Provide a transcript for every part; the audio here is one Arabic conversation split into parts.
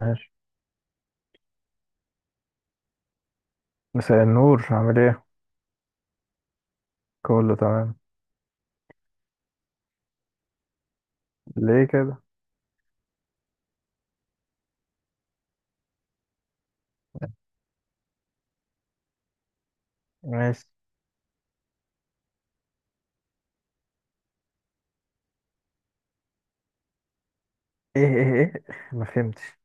ماشي. مساء النور، عامل ايه؟ كله تمام. ليه كده؟ ماشي. ايه ايه ايه؟ ما فهمتش.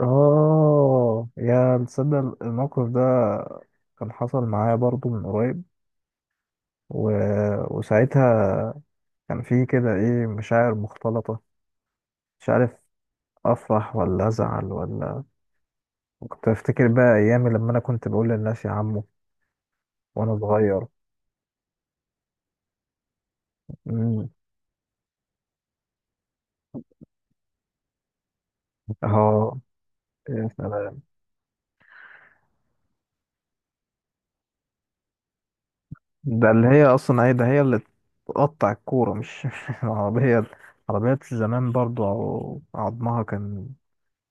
اه، يا تصدق الموقف ده كان حصل معايا برضو من قريب، و... وساعتها كان في كده ايه مشاعر مختلطة. مش عارف افرح ولا ازعل ولا. كنت افتكر بقى ايامي لما انا كنت بقول للناس يا عمو وانا صغير. مم. اه، يا سلام. ده اللي هي اصلا ايه، ده هي اللي تقطع الكوره مش العربيه. عربيات زمان برضو عظمها كان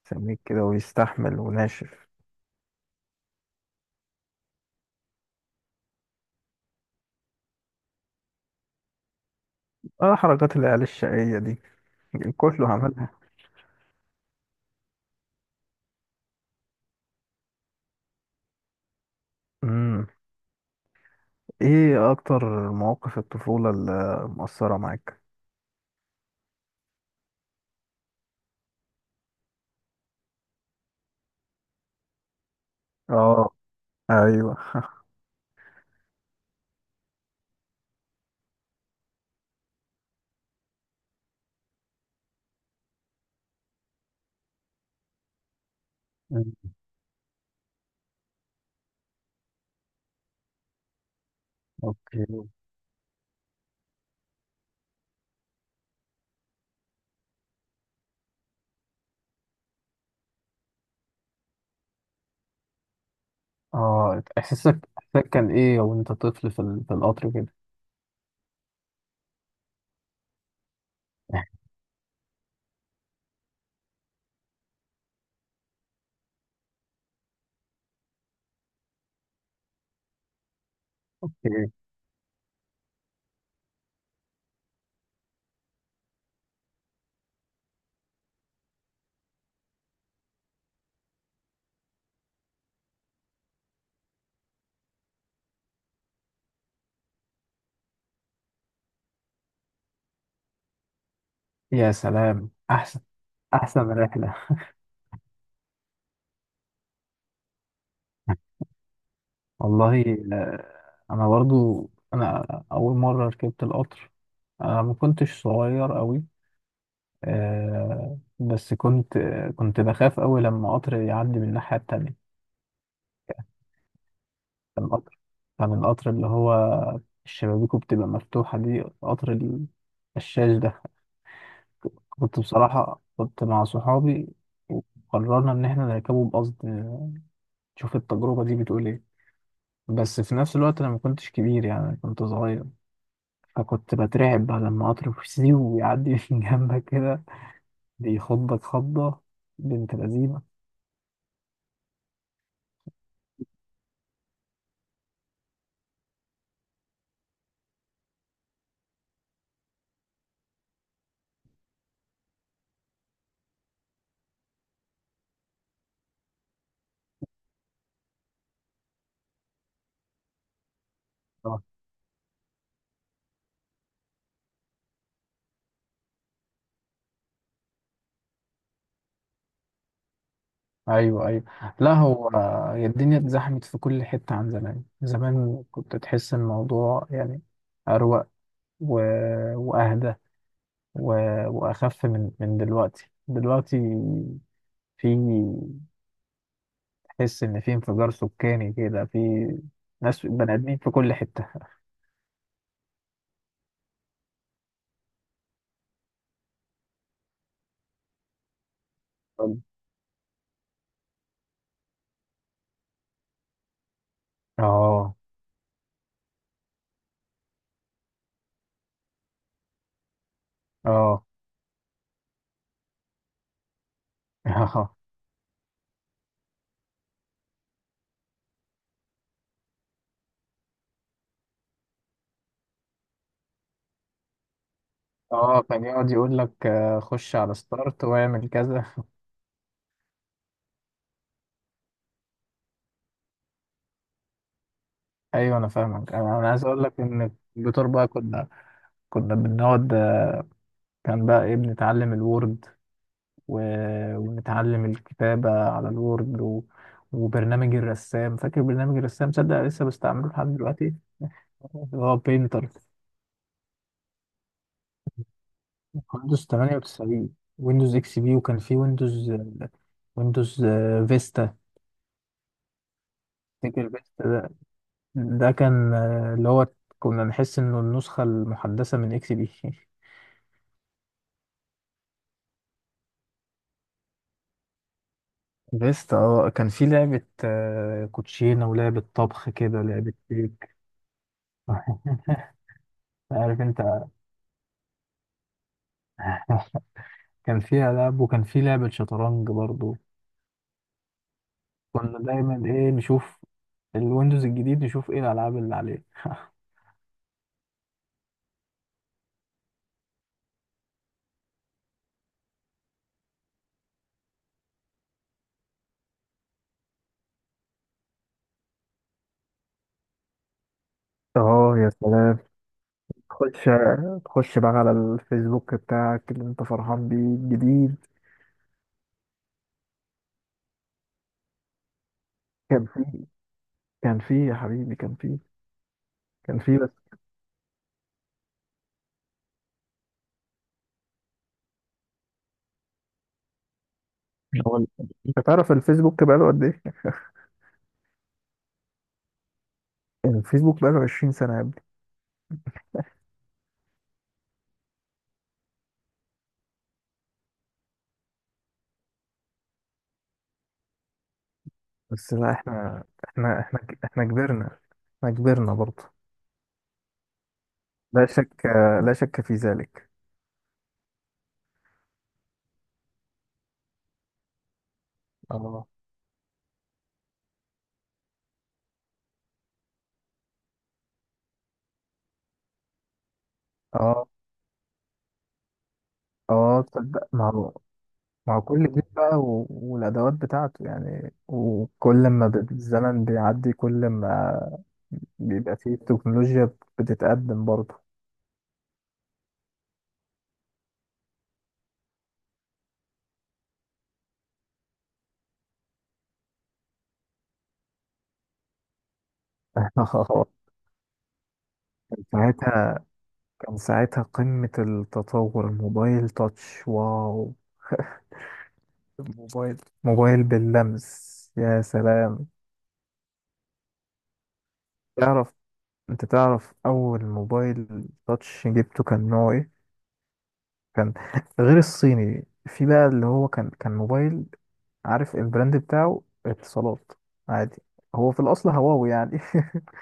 سميك كده ويستحمل وناشف. اه، حركات العيال الشقيه دي كله عملها. امم ايه اكتر مواقف الطفوله اللي مؤثره معاك؟ اه، ايوه. مم. اوكي. اه، احساسك احساسك كان ايه وانت طفل في القطر كده؟ إيه؟ يا سلام، احسن، احسن رحله. والله. آه، انا برضو انا اول مره ركبت القطر. انا ما كنتش صغير قوي. بس كنت بخاف قوي لما قطر يعدي من الناحيه التانية. كان القطر كان القطر اللي هو شبابيكه بتبقى مفتوحه، دي قطر الشاش ده. كنت بصراحه كنت مع صحابي، وقررنا ان احنا نركبه بقصد نشوف التجربه دي بتقول ايه. بس في نفس الوقت انا ما كنتش كبير، يعني كنت صغير. فكنت بترعب بقى لما قطر فسيو ويعدي من جنبك كده، بيخضك خضة. بنت لذينة. آه. ايوه ايوه. لا، هو هي الدنيا اتزحمت في كل حته عن زمان. زمان كنت تحس الموضوع يعني اروق و... واهدى و... واخف من دلوقتي. في تحس ان في انفجار سكاني كده، في ناس بني ادمين في كل حته. اه اه. اه اه، كان يقعد يقول لك خش على ستارت واعمل كذا. ايوه، انا فاهمك. انا عايز اقول لك ان الدكتور بقى، كنا بنقعد. كان بقى ايه، بنتعلم الوورد و... ونتعلم الكتابة على الوورد وبرنامج الرسام. فاكر برنامج الرسام؟ تصدق لسه بستعمله لحد دلوقتي، اللي هو بينتر. ويندوز 98، ويندوز اكس بي، وكان في ويندوز، ويندوز فيستا. فاكر فيستا؟ ده كان اللي هو كنا نحس انه النسخة المحدثة من اكس بي. بيست. اه، كان في لعبة كوتشينة ولعبة طبخ كده، لعبة بيك. عارف انت. كان فيها لعب، وكان في لعبة شطرنج برضو. كنا دايما ايه، نشوف الويندوز الجديد نشوف ايه الالعاب اللي عليه. اه، يا سلام. تخش تخش بقى على الفيسبوك بتاعك اللي انت فرحان بيه الجديد. كان في كان في يا حبيبي، كان في هو ال- انت تعرف الفيسبوك بقاله قد ايه؟ يعني الفيسبوك بقاله 20 سنة يا ابني. بس لا، احنا احنا كبرنا. احنا كبرنا برضه. لا شك، لا شك في ذلك. اه اه اه، تصدق؟ ما هو كل جيل بقى والادوات بتاعته يعني. وكل ما الزمن بيعدي، كل ما بيبقى فيه تكنولوجيا بتتقدم برضه. ساعتها. كان ساعتها قمة التطور الموبايل تاتش، واو. موبايل موبايل باللمس، يا سلام. تعرف، انت تعرف اول موبايل تاتش جبته كان نوع ايه؟ كان غير الصيني في بقى اللي هو كان موبايل. عارف البراند بتاعه؟ اتصالات عادي. هو في الاصل هواوي يعني.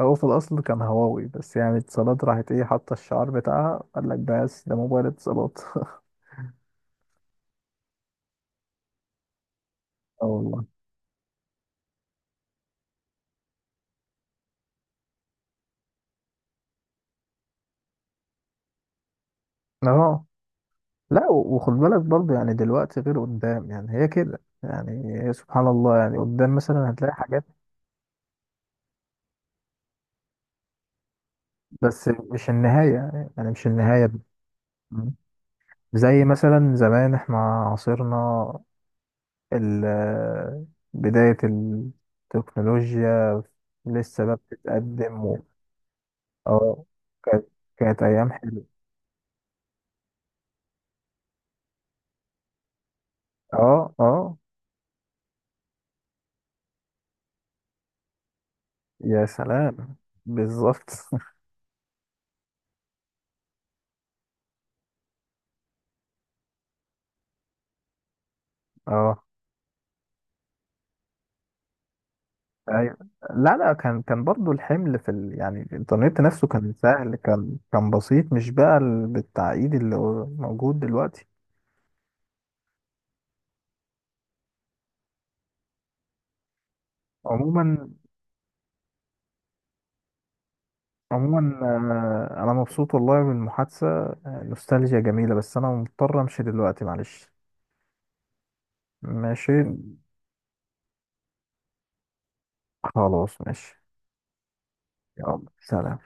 هو في الاصل كان هواوي، بس يعني اتصالات راحت ايه حاطه الشعار بتاعها، قال لك بس ده موبايل اتصالات. اه والله. اه لا، وخد بالك برضه يعني، دلوقتي غير قدام، يعني هي كده، يعني هي سبحان الله، يعني قدام مثلا هتلاقي حاجات. بس مش النهاية، يعني مش النهاية زي مثلا زمان احنا عاصرنا ال- بداية التكنولوجيا، لسه بقى بتتقدم اه. كانت كانت أيام حلوة. اه اه، يا سلام. بالظبط. اه، أيوة. لا لا، كان برضو الحمل في يعني الإنترنت نفسه كان سهل، كان بسيط، مش بقى بالتعقيد اللي هو موجود دلوقتي. عموما. عموما أنا مبسوط والله بالمحادثة. نوستالجيا جميلة، بس أنا مضطر أمشي دلوقتي، معلش. ماشي. خلاص، ماشي. يلا سلام.